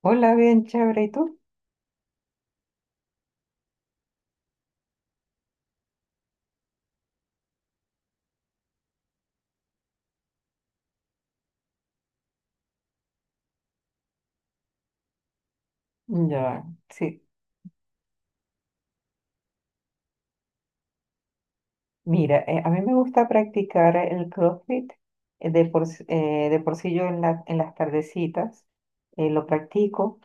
Hola, bien chévere. ¿Y tú? Ya, sí. Mira, a mí me gusta practicar el CrossFit. De por sí yo en en las tardecitas lo practico.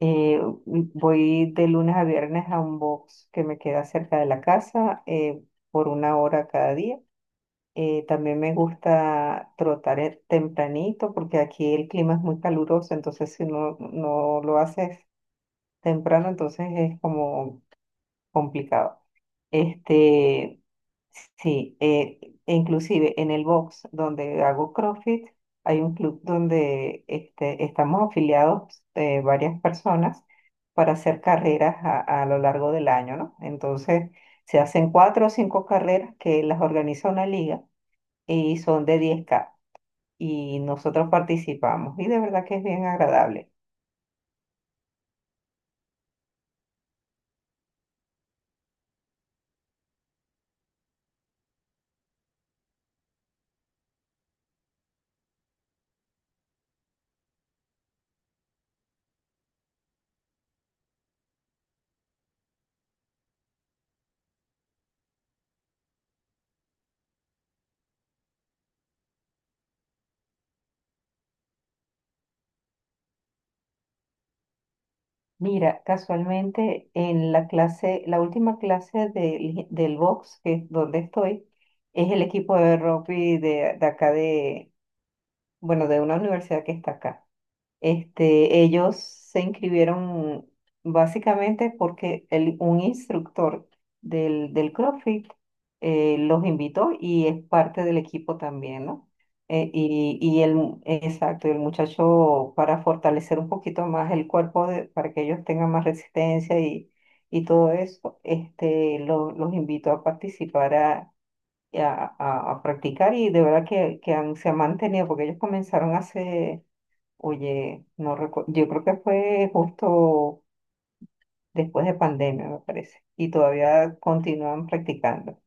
Eh, Voy de lunes a viernes a un box que me queda cerca de la casa por una hora cada día. También me gusta trotar tempranito porque aquí el clima es muy caluroso. Entonces, si no, no lo haces temprano, entonces es como complicado. Este, sí, e inclusive en el box donde hago CrossFit, hay un club donde estamos afiliados varias personas para hacer carreras a lo largo del año, ¿no? Entonces, se hacen cuatro o cinco carreras que las organiza una liga y son de 10K, y nosotros participamos y de verdad que es bien agradable. Mira, casualmente en la clase, la última clase del box, que es donde estoy, es el equipo de rugby de acá de, bueno, de una universidad que está acá. Ellos se inscribieron básicamente porque un instructor del CrossFit los invitó y es parte del equipo también, ¿no? Exacto, el muchacho para fortalecer un poquito más el cuerpo, para que ellos tengan más resistencia y todo eso, los invitó a participar, a practicar y de verdad que, se han mantenido, porque ellos comenzaron hace... Oye, no recu- yo creo que fue justo después de pandemia, me parece, y todavía continúan practicando.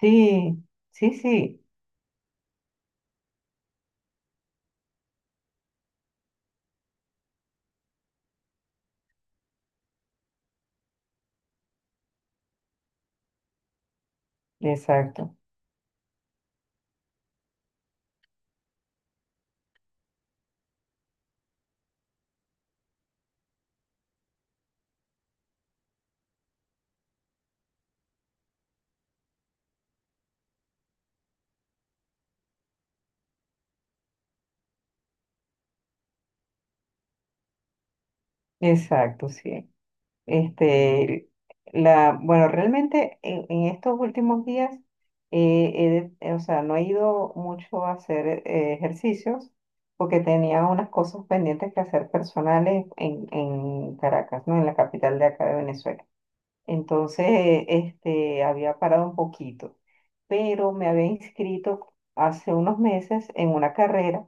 Sí, sí, sí, exacto, exacto, sí. Este, bueno, realmente en estos últimos días, o sea, no he ido mucho a hacer ejercicios, porque tenía unas cosas pendientes que hacer personales en Caracas, ¿no? En la capital de acá de Venezuela. Entonces, había parado un poquito, pero me había inscrito hace unos meses en una carrera,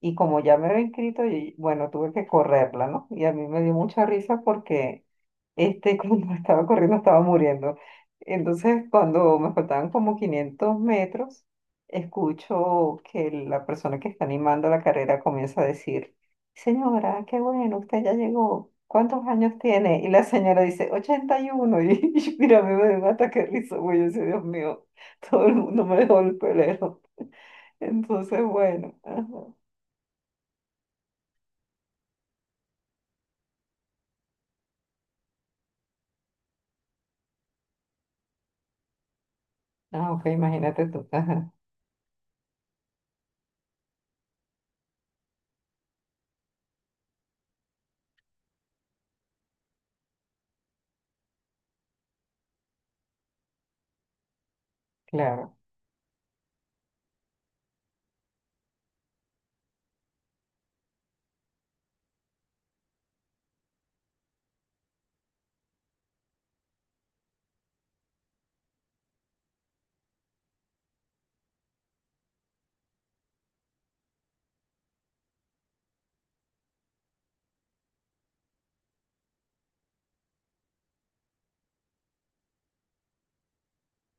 y como ya me había inscrito, y, bueno, tuve que correrla, ¿no? Y a mí me dio mucha risa porque, cuando estaba corriendo estaba muriendo. Entonces, cuando me faltaban como 500 metros, escucho que la persona que está animando la carrera comienza a decir: señora, qué bueno, usted ya llegó. ¿Cuántos años tiene? Y la señora dice, ochenta y uno. Y y mira, a mí me dio un ataque de risa, güey. Yo decía: Dios mío, todo el mundo me dejó el pelero. Entonces, bueno. Ajá. Ah, ok, imagínate tú. Ajá, claro,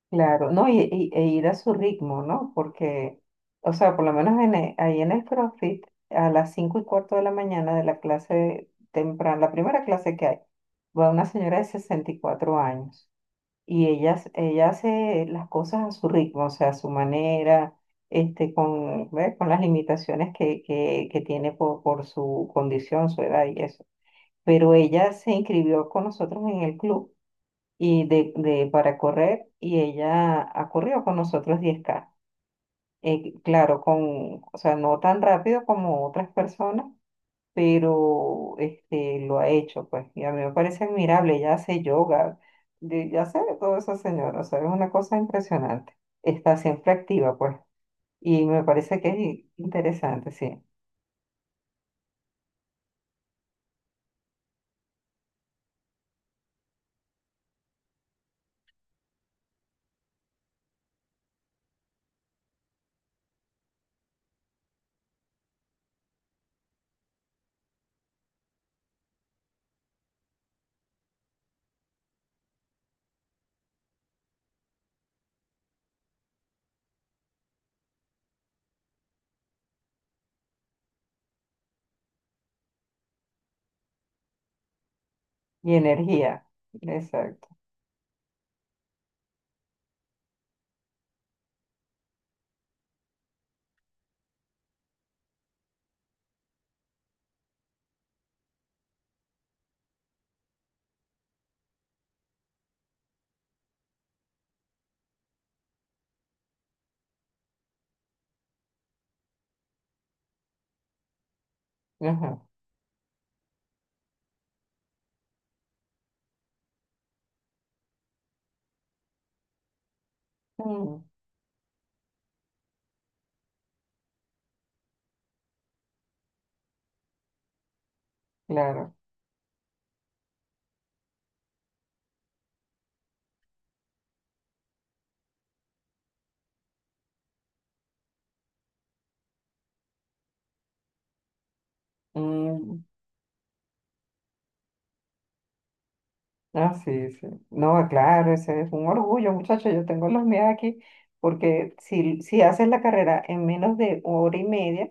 claro. No, e ir a su ritmo, ¿no? Porque, o sea, por lo menos en, ahí en el CrossFit, a las 5:15 de la mañana, de la clase temprana, la primera clase que hay, va una señora de 64 años. Y ella hace las cosas a su ritmo, o sea, a su manera, con, ¿ve?, con las limitaciones que tiene por su condición, su edad y eso. Pero ella se inscribió con nosotros en el club y para correr, y ella ha corrido con nosotros 10K. Claro, con, o sea, no tan rápido como otras personas, pero lo ha hecho, pues, y a mí me parece admirable. Ella hace yoga, ya sabe todo esa señora, o sea, es una cosa impresionante, está siempre activa, pues, y me parece que es interesante, sí, y energía, exacto, ajá, mm, claro, mm, ah, sí, sí, no, claro, ese es un orgullo, muchachos, yo tengo los míos aquí, porque si haces la carrera en menos de hora y media,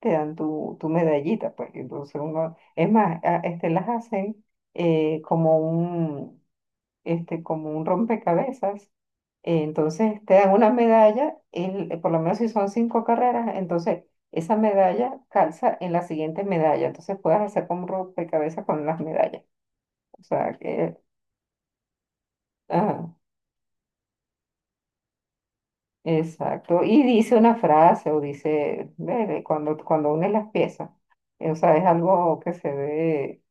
te dan tu, tu medallita, pues. Entonces uno, es más, las hacen como un, como un rompecabezas. Entonces te dan una medalla, por lo menos si son cinco carreras, entonces esa medalla calza en la siguiente medalla. Entonces puedes hacer como un rompecabezas con las medallas. O sea que, ajá, exacto. Y dice una frase, o dice: ve, ve, cuando, unes las piezas. O sea, es algo que se ve,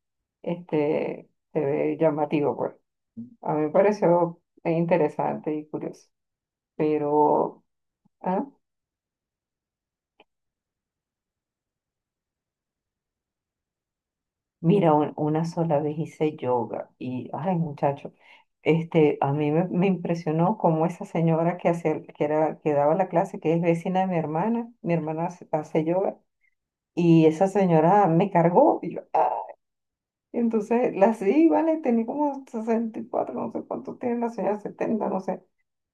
se ve llamativo, pues. A mí me pareció interesante y curioso. Pero, ah, mira, una sola vez hice yoga y, ay, muchacho, a mí me impresionó cómo esa señora hacía, que daba la clase, que es vecina de mi hermana. Mi hermana hace yoga, y esa señora me cargó. Y yo, ah, entonces, vale, tenía como 64, no sé cuánto tiene la señora, 70, no sé.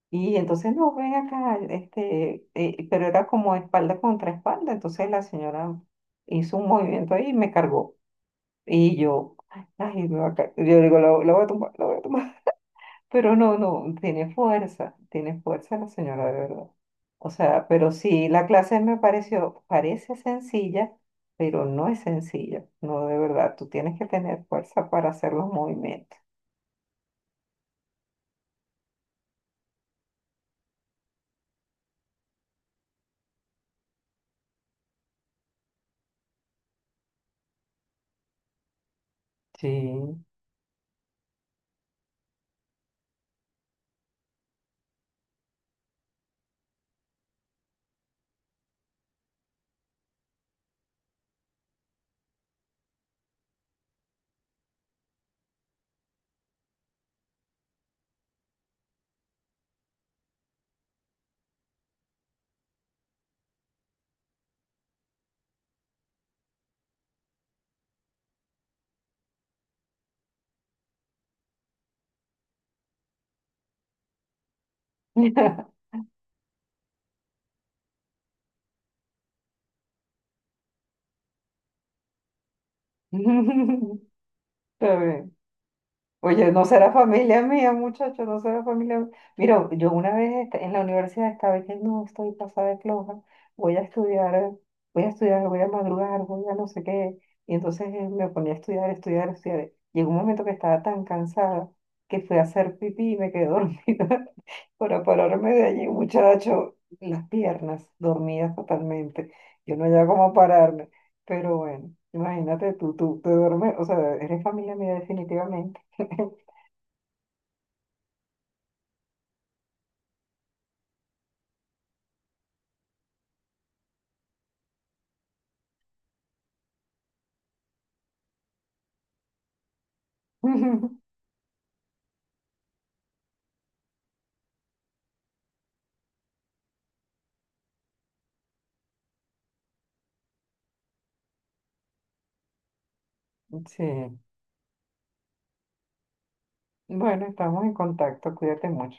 Y entonces no, ven acá, pero era como espalda contra espalda, entonces la señora hizo un movimiento ahí y me cargó. Y yo: ay, me va a ca- yo digo, lo voy a tomar, lo voy a tomar. Pero no, no, tiene fuerza la señora, de verdad. O sea, pero sí, la clase me pareció, parece sencilla, pero no es sencilla, no, de verdad, tú tienes que tener fuerza para hacer los movimientos. Sí. Está bien. Oye, no será familia mía, muchacho, no será familia mía. Mira, yo una vez en la universidad estaba diciendo, no, estoy pasada de floja, voy a estudiar, voy a estudiar, voy a madrugar, voy a no sé qué. Y entonces me ponía a estudiar, estudiar, estudiar. Llegó un momento que estaba tan cansada que fui a hacer pipí y me quedé dormida para pararme de allí, muchacho, las piernas dormidas totalmente. Yo no había cómo pararme, pero bueno, imagínate tú, tú te duermes, o sea, eres familia mía definitivamente. Sí, bueno, estamos en contacto, cuídate mucho.